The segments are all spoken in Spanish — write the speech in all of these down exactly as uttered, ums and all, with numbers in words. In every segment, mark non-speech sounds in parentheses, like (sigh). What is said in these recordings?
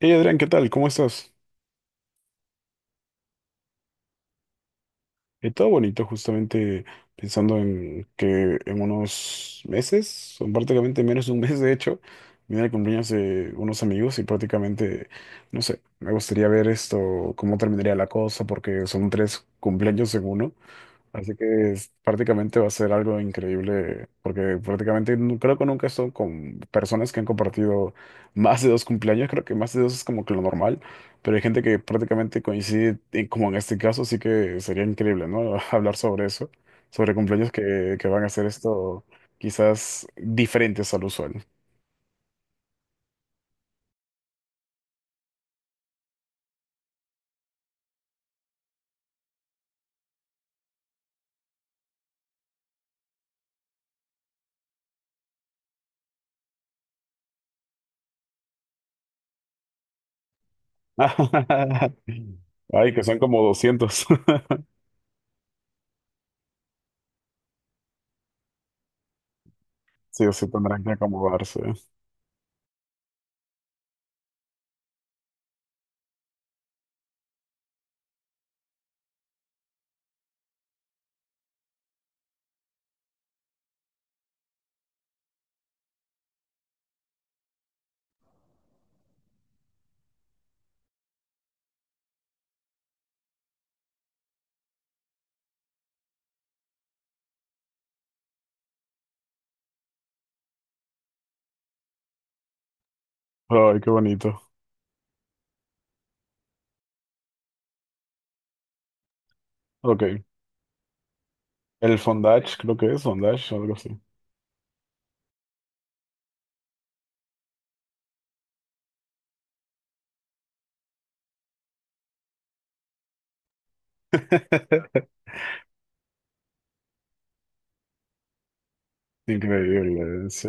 Hey Adrián, ¿qué tal? ¿Cómo estás? Eh, todo bonito, justamente pensando en que en unos meses, son prácticamente menos de un mes de hecho, viene el cumpleaños de unos amigos y prácticamente, no sé, me gustaría ver esto, cómo terminaría la cosa, porque son tres cumpleaños en uno. Así que es- prácticamente va a ser algo increíble, porque prácticamente nu- creo que nunca he estado con personas que han compartido (laughs) más de dos cumpleaños, creo que más de dos es como que lo normal, pero hay gente que prácticamente coincide, y como en este caso, sí que sería increíble, ¿no? (laughs) Hablar sobre eso, sobre cumpleaños que, que van a hacer esto quizás diferentes al usual. (laughs) Ay, que son como doscientos. (laughs) Sí, o sí tendrán que acomodarse. Ay, qué bonito. Ok. El Fondage, creo que es Fondage o algo así. (laughs) Increíble, sí.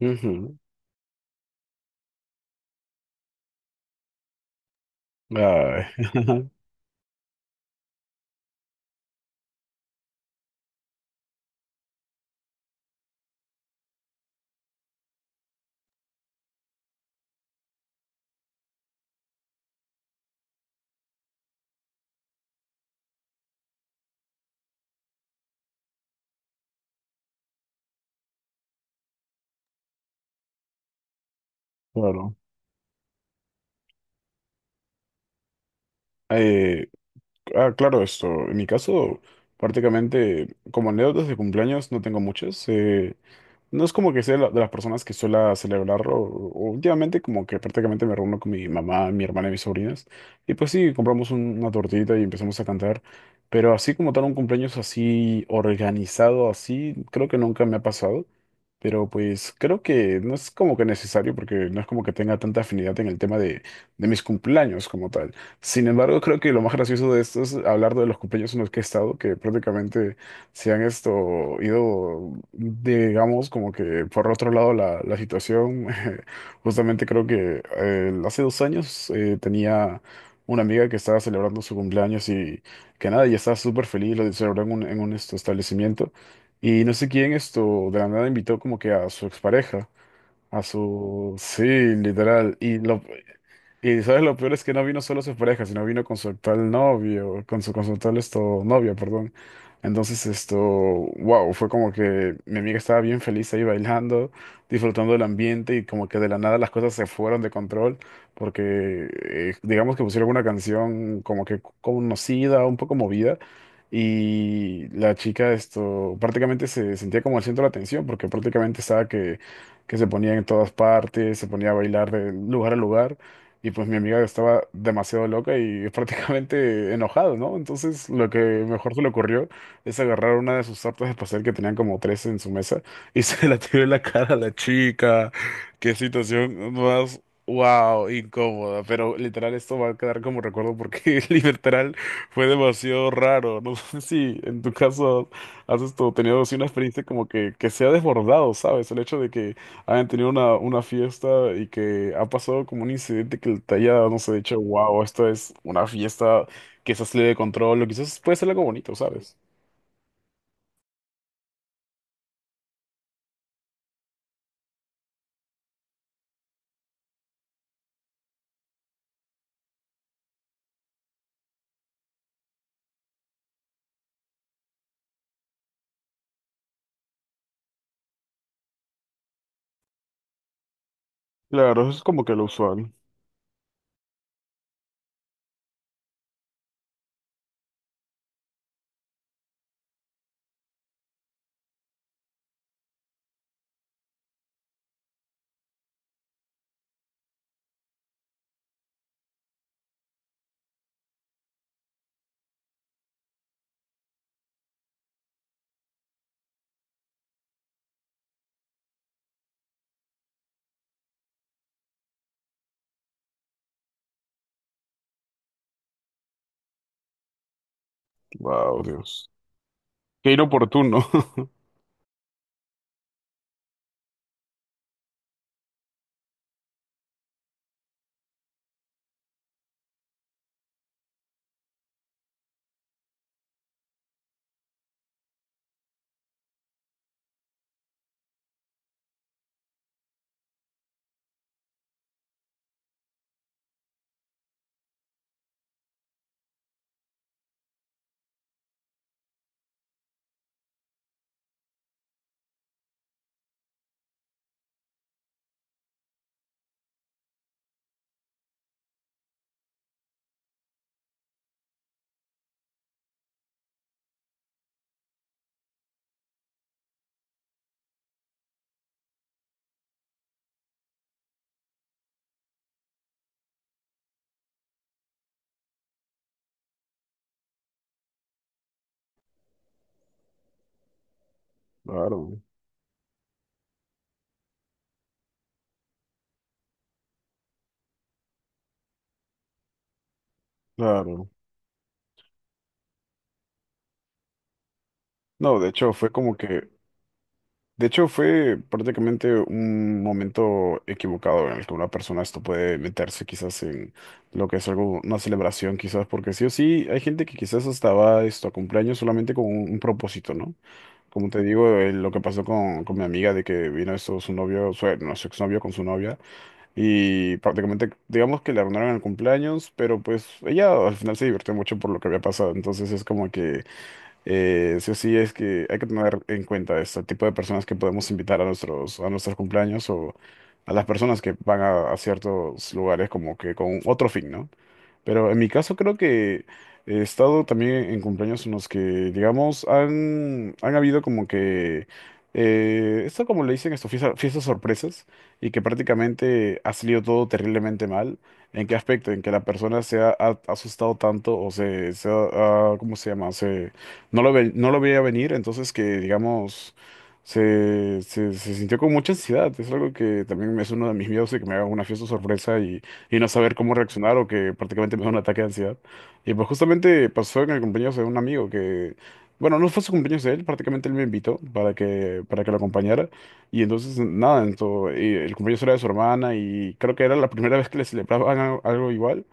Ujú. Ay, (laughs) claro. Eh, ah, claro, esto. En mi caso, prácticamente, como anécdotas de cumpleaños, no tengo muchas. Eh, No es como que sea la- de las personas que suele celebrarlo. o- Últimamente como que prácticamente me reúno con mi mamá, mi hermana y mis sobrinas. Y pues sí, compramos un- una tortita y empezamos a cantar. Pero así como tal un cumpleaños así organizado, así, creo que nunca me ha pasado. Pero pues creo que no es como que necesario porque no es como que tenga tanta afinidad en el tema de, de mis cumpleaños como tal. Sin embargo, creo que lo más gracioso de esto es hablar de los cumpleaños en los que he estado, que prácticamente se han esto ido, digamos, como que por otro lado la, la situación. (laughs) Justamente creo que eh, hace dos años eh, tenía una amiga que estaba celebrando su cumpleaños y que nada, ya estaba súper feliz, lo celebró en un, en un esto, establecimiento. Y no sé quién esto de la nada invitó como que a su expareja. A su, sí, literal. Y lo, y sabes, lo peor es que no vino solo su pareja, sino vino con su actual novio, con su, con su actual esto, novia, perdón. Entonces, esto, wow, fue como que mi amiga estaba bien feliz ahí bailando, disfrutando del ambiente y como que de la nada las cosas se fueron de control porque eh, digamos que pusieron una canción como que conocida, un poco movida y la chica esto prácticamente se sentía como el centro de la atención porque prácticamente estaba que, que se ponía en todas partes, se ponía a bailar de lugar a lugar. Y pues mi amiga estaba demasiado loca y (laughs) prácticamente enojada, ¿no? Entonces lo que mejor se le ocurrió es agarrar una de sus tartas de pastel que tenían como tres en su mesa y (laughs) se la tiró en la cara a la chica. Qué situación más, wow, incómoda. Pero literal esto va a quedar como recuerdo porque (laughs) literal fue demasiado raro. No sé si en tu caso has esto, tenido así una experiencia como que, que se ha desbordado, ¿sabes? El hecho de que hayan tenido una, una fiesta y que ha pasado como un incidente que te haya, no sé, dicho, wow, esto es una fiesta que se salido de control, o quizás puede ser algo bonito, ¿sabes? Claro, eso es como que lo usual. Wow, Dios. Qué inoportuno. (laughs) Claro, claro. No, de hecho, fue como que de hecho, fue prácticamente un momento equivocado en el que una persona esto puede meterse quizás en lo que es algo, una celebración quizás, porque sí o sí hay gente que quizás hasta va esto a cumpleaños solamente con un, un propósito, ¿no? Como te digo, eh, lo que pasó con, con mi amiga de que vino esto su novio, su, no, su exnovio con su novia y prácticamente digamos que le arruinaron el cumpleaños, pero pues ella al final se divirtió mucho por lo que había pasado, entonces es como que eh, sí o sí es que hay que tener en cuenta este tipo de personas que podemos invitar a nuestros, a nuestros cumpleaños o a las personas que van a, a ciertos lugares como que con otro fin, ¿no? Pero en mi caso creo que he estado también en cumpleaños en los que, digamos, han, han habido como que, eh, esto como le dicen esto, fiesta- fiestas sorpresas, y que prácticamente ha salido todo terriblemente mal. ¿En qué aspecto? En que la persona se ha, ha asustado tanto o se, se ha, ha- ¿cómo se llama? Se, no lo ve- no lo veía venir, entonces que, digamos, se, se, se sintió con mucha ansiedad. Es algo que también es uno de mis miedos de que me haga una fiesta sorpresa y no saber cómo reaccionar o que prácticamente me da un ataque de ansiedad. Y pues justamente pasó en el cumpleaños de un amigo que, bueno, no fue su cumpleaños de él, prácticamente él me invitó para que, para que lo acompañara. Y entonces, nada, entonces el cumpleaños era de su hermana y creo que era la primera vez que le celebraban al- algo igual.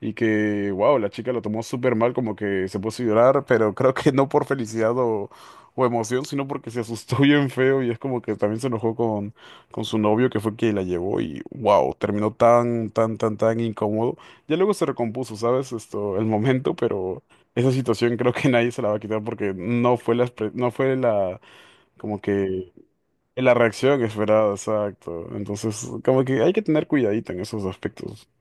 Y que, wow, la chica lo tomó súper mal, como que se puso a llorar, pero creo que no por felicidad o, o emoción, sino porque se asustó bien feo y es como que también se enojó con su novio que fue quien la llevó y wow, terminó tan, tan, tan, tan incómodo. Ya luego se recompuso, ¿sabes? Esto, el momento, pero esa situación creo que (laughs) nadie se la va a quitar porque no fue la, expre- no fue la, como que la reacción esperada, exacto. Entonces, como que hay que tener cuidadito en esos aspectos. (laughs)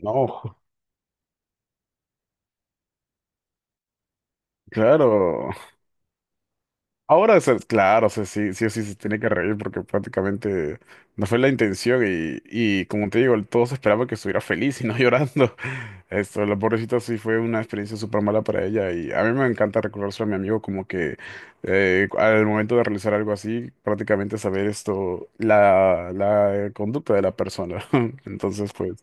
No, claro. Ahora, o sea, claro, o sea, sí, sí o sí se tiene que reír porque prácticamente no fue la intención y, y como te digo, todos esperaban que estuviera feliz y no (laughs) llorando. Esto, la pobrecita sí fue una experiencia súper mala para ella y a mí me encanta recordárselo a mi amigo como que eh, al momento de realizar algo así, prácticamente saber esto, la, la conducta de la persona. (laughs) Entonces, pues,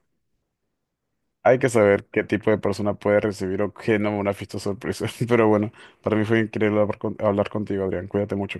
hay que saber qué tipo de persona puede recibir o qué no una fiesta sorpresa. (laughs) Pero bueno, para mí fue increíble hablar con- hablar contigo, Adrián. Cuídate mucho.